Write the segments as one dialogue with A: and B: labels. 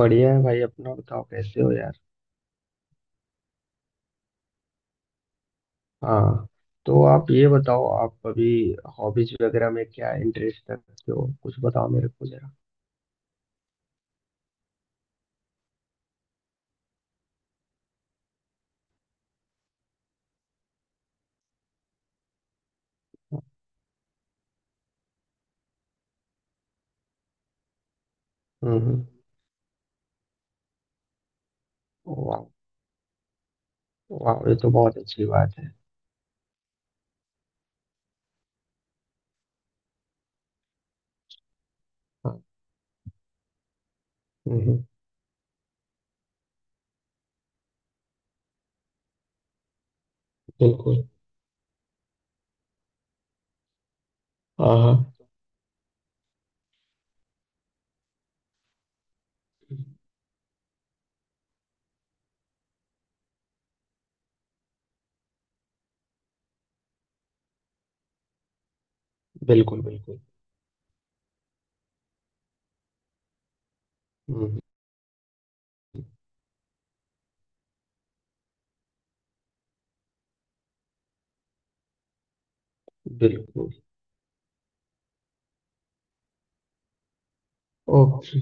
A: बढ़िया है भाई। अपना बताओ, कैसे हो यार? हाँ, तो आप ये बताओ, आप अभी हॉबीज वगैरह में क्या इंटरेस्ट रखते हो? कुछ बताओ मेरे को जरा। हाँ, हम्म। वाह! वाह, ये तो बहुत अच्छी बात है। हाँ। हम्म। बिल्कुल। हाँ हाँ। बिल्कुल बिल्कुल। हम्म, बिल्कुल। ओके।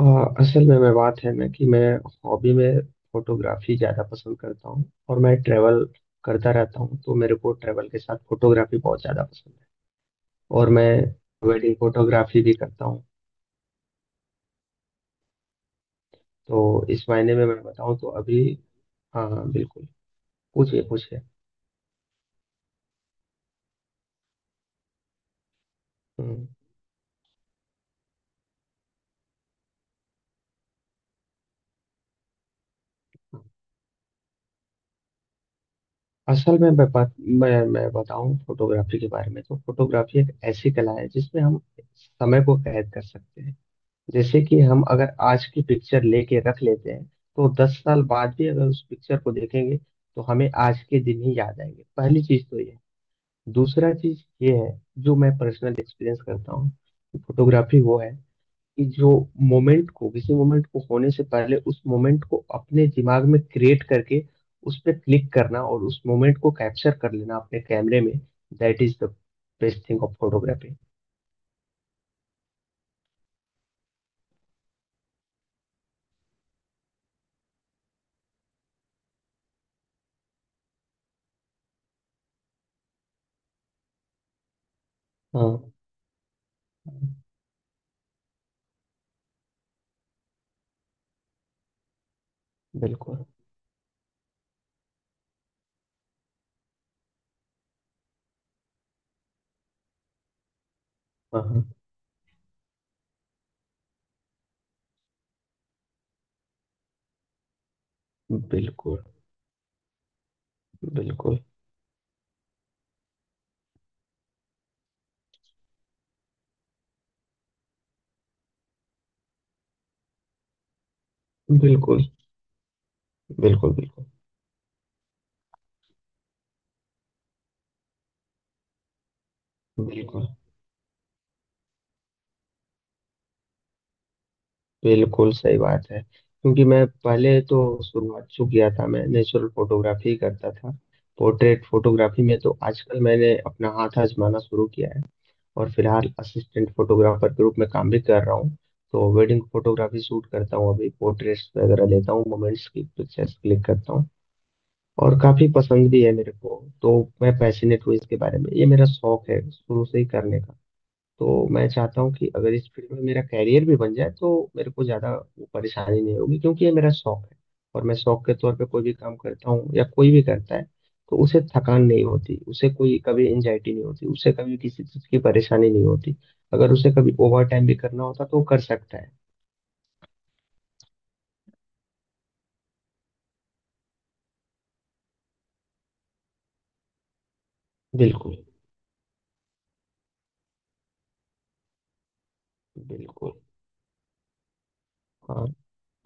A: असल में मैं बात है ना कि मैं हॉबी में फोटोग्राफी ज़्यादा पसंद करता हूँ। और मैं ट्रैवल करता रहता हूँ, तो मेरे को ट्रैवल के साथ फोटोग्राफी बहुत ज़्यादा पसंद है। और मैं वेडिंग फोटोग्राफी भी करता हूँ। तो इस मायने में मैं बताऊँ तो अभी। हाँ हाँ बिल्कुल। पूछिए पूछिए। हम्म। असल में मैं बात मैं बताऊं फोटोग्राफी के बारे में। तो फोटोग्राफी एक ऐसी कला है जिसमें हम समय को कैद कर सकते हैं। जैसे कि हम अगर आज की पिक्चर लेके रख लेते हैं, तो 10 साल बाद भी अगर उस पिक्चर को देखेंगे तो हमें आज के दिन ही याद आएंगे। पहली चीज तो ये। दूसरा चीज ये है, जो मैं पर्सनल एक्सपीरियंस करता हूँ, फोटोग्राफी वो है कि जो मोमेंट को, किसी मोमेंट को होने से पहले उस मोमेंट को अपने दिमाग में क्रिएट करके उस पर क्लिक करना, और उस मोमेंट को कैप्चर कर लेना अपने कैमरे में। That is the best thing of photography. हाँ हाँ, बिल्कुल। हाँ हाँ, बिल्कुल बिल्कुल बिल्कुल। बिल्कुल। बिल्कुल। बिल्कुल। बिल्कुल सही बात है। क्योंकि मैं पहले तो, शुरुआत जो किया था, मैं नेचुरल फोटोग्राफी करता था। पोर्ट्रेट फोटोग्राफी में तो आजकल मैंने अपना हाथ आजमाना शुरू किया है। और फिलहाल असिस्टेंट फोटोग्राफर के रूप में काम भी कर रहा हूँ। तो वेडिंग फोटोग्राफी शूट करता हूँ अभी, पोर्ट्रेट्स वगैरह लेता हूँ, मोमेंट्स की पिक्चर्स क्लिक करता हूँ। और काफी पसंद भी है मेरे को। तो मैं पैशनेट हूँ इसके बारे में, ये मेरा शौक है शुरू से ही करने का। तो मैं चाहता हूँ कि अगर इस फील्ड में मेरा कैरियर भी बन जाए तो मेरे को ज़्यादा वो परेशानी नहीं होगी, क्योंकि ये मेरा शौक है। और मैं शौक के तौर पे कोई भी काम करता हूँ या कोई भी करता है, तो उसे थकान नहीं होती, उसे कोई कभी एंजाइटी नहीं होती, उसे कभी किसी चीज़ की परेशानी नहीं होती। अगर उसे कभी ओवर टाइम भी करना होता तो वो कर सकता है। बिल्कुल बिल्कुल। हाँ।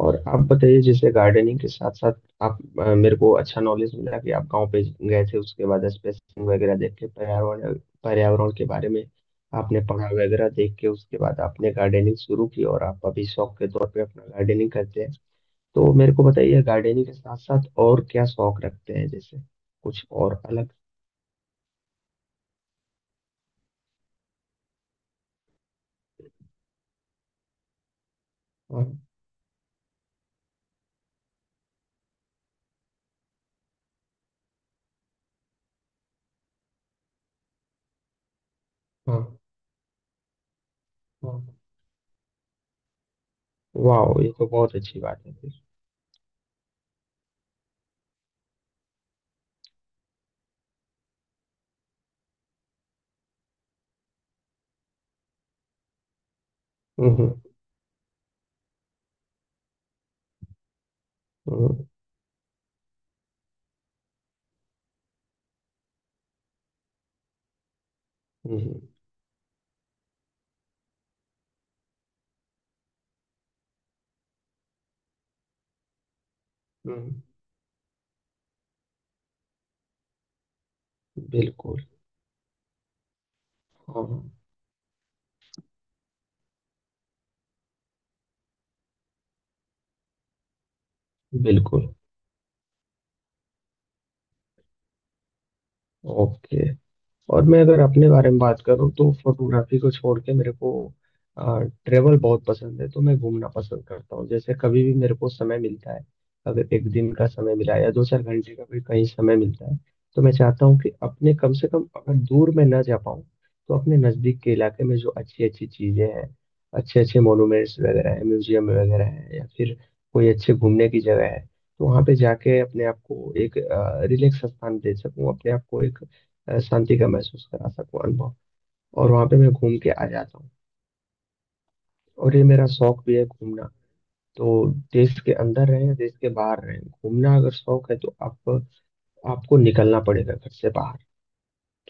A: और आप बताइए, जैसे गार्डनिंग के साथ साथ आप, मेरे को अच्छा नॉलेज मिला कि आप गांव पे गए थे, उसके बाद स्पेसिंग वगैरह देख के पर्यावरण, पर्यावरण के बारे में आपने पढ़ा वगैरह, देख के उसके बाद आपने गार्डनिंग शुरू की, और आप अभी शौक के तौर पे अपना गार्डनिंग करते हैं। तो मेरे को बताइए, गार्डनिंग के साथ साथ और क्या शौक रखते हैं, जैसे कुछ और अलग? हाँ हाँ। हाँ। वाह, ये तो बहुत अच्छी बात है फिर। हम्म। हम्म। हम्म, हम्म, बिल्कुल। हाँ। बिल्कुल। ओके। और मैं अगर अपने बारे में बात करूँ, तो फोटोग्राफी को छोड़ के मेरे को ट्रेवल बहुत पसंद है। तो मैं घूमना पसंद करता हूँ। जैसे कभी भी मेरे को समय मिलता है, अगर एक दिन का समय मिला या 2 4 घंटे का भी कहीं समय मिलता है, तो मैं चाहता हूँ कि अपने कम से कम अगर दूर में ना जा पाऊँ, तो अपने नज़दीक के इलाके में जो अच्छी अच्छी चीज़ें हैं, अच्छे अच्छे मोनूमेंट्स वगैरह हैं, म्यूजियम वगैरह हैं, या फिर कोई अच्छे घूमने की जगह है, तो वहाँ पे जाके अपने आप को एक रिलैक्स स्थान दे सकूँ, अपने आप को एक शांति का महसूस करा सकूं, अनुभव। और वहां पे मैं घूम के आ जाता हूँ। और ये मेरा शौक भी है, घूमना। तो देश के अंदर रहें या देश के बाहर रहें, घूमना अगर शौक है तो आप, आपको निकलना पड़ेगा घर से बाहर।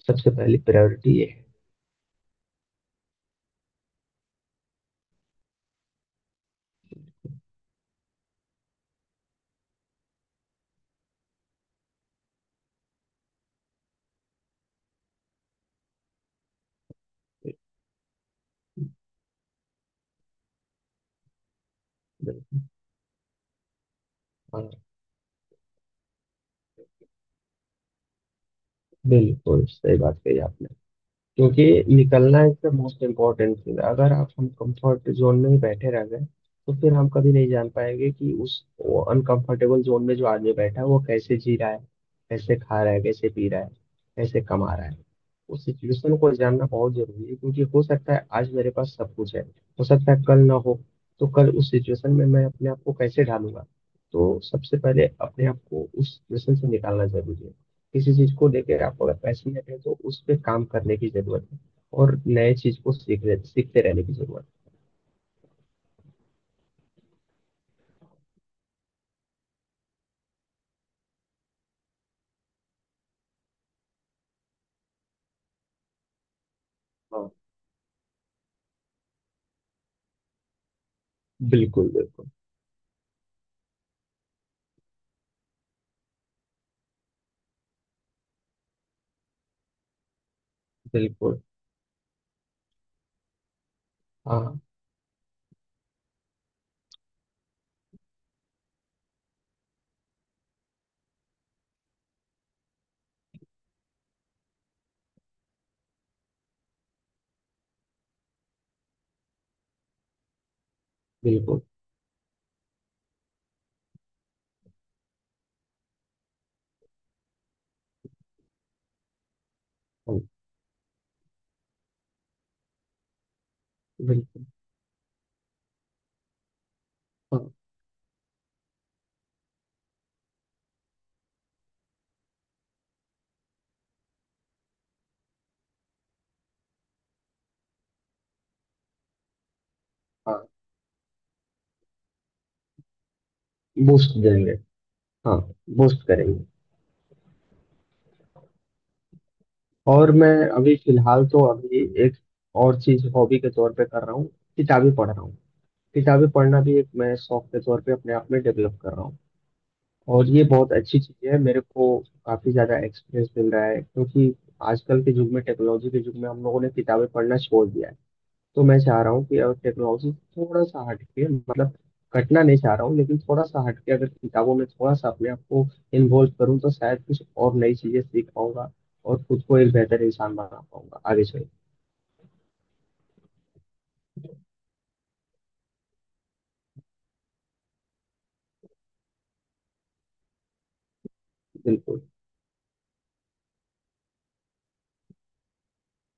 A: सबसे पहली प्रायोरिटी ये है। बिल्कुल। हाँ, बिल्कुल सही बात कही आपने। क्योंकि निकलना इसका मोस्ट इम्पोर्टेंट चीज है। अगर आप, हम कंफर्ट जोन में ही बैठे रह गए, तो फिर हम कभी नहीं जान पाएंगे कि उस, वो अनकंफर्टेबल जोन में जो आदमी बैठा है वो कैसे जी रहा है, कैसे खा रहा है, कैसे पी रहा है, कैसे कमा रहा है। उस सिचुएशन को जानना बहुत जरूरी है, क्योंकि हो सकता है आज मेरे पास सब कुछ है, हो सकता है कल ना हो। तो कल उस सिचुएशन में मैं अपने आप को कैसे ढालूंगा? तो सबसे पहले अपने आप को उस सिचुएशन से निकालना जरूरी है। किसी चीज को लेकर आप अगर पैशनेट है, तो उस पे काम करने की जरूरत है। और नए चीज को सीखते रहने की जरूरत। हाँ है हाँ। बिल्कुल बिल्कुल। बिल्कुल। हाँ। बिल्कुल। हाँ। बिल्कुल। हाँ हाँ। बूस्ट देंगे। हाँ। बूस्ट करेंगे। और मैं अभी फिलहाल तो अभी एक और चीज हॉबी के तौर पे कर रहा हूँ, किताबें पढ़ रहा हूँ। किताबें पढ़ना भी एक मैं शौक के तौर पे अपने आप में डेवलप कर रहा हूँ। और ये बहुत अच्छी चीज़ है मेरे को। काफ़ी ज़्यादा एक्सपीरियंस मिल रहा है, क्योंकि आजकल के युग में, टेक्नोलॉजी के युग में, हम लोगों ने किताबें पढ़ना छोड़ दिया है। तो मैं चाह रहा हूँ कि अगर टेक्नोलॉजी से थोड़ा सा हट के, मतलब कटना नहीं चाह रहा हूँ, लेकिन थोड़ा सा हट के अगर किताबों में थोड़ा सा अपने आप को इन्वॉल्व करूँ, तो शायद कुछ और नई चीज़ें सीख पाऊंगा, और खुद को एक बेहतर इंसान बना पाऊंगा आगे चल के। बिल्कुल।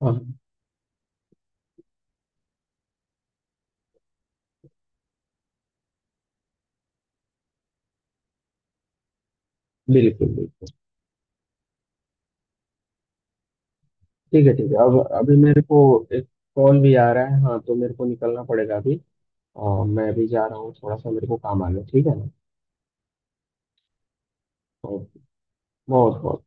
A: हाँ। बिल्कुल बिल्कुल। ठीक है ठीक है। अब अभी मेरे को एक कॉल भी आ रहा है, हाँ, तो मेरे को निकलना पड़ेगा अभी। और मैं अभी जा रहा हूँ, थोड़ा सा मेरे को काम आ गया, ठीक है ना? ओके। बहुत बहुत।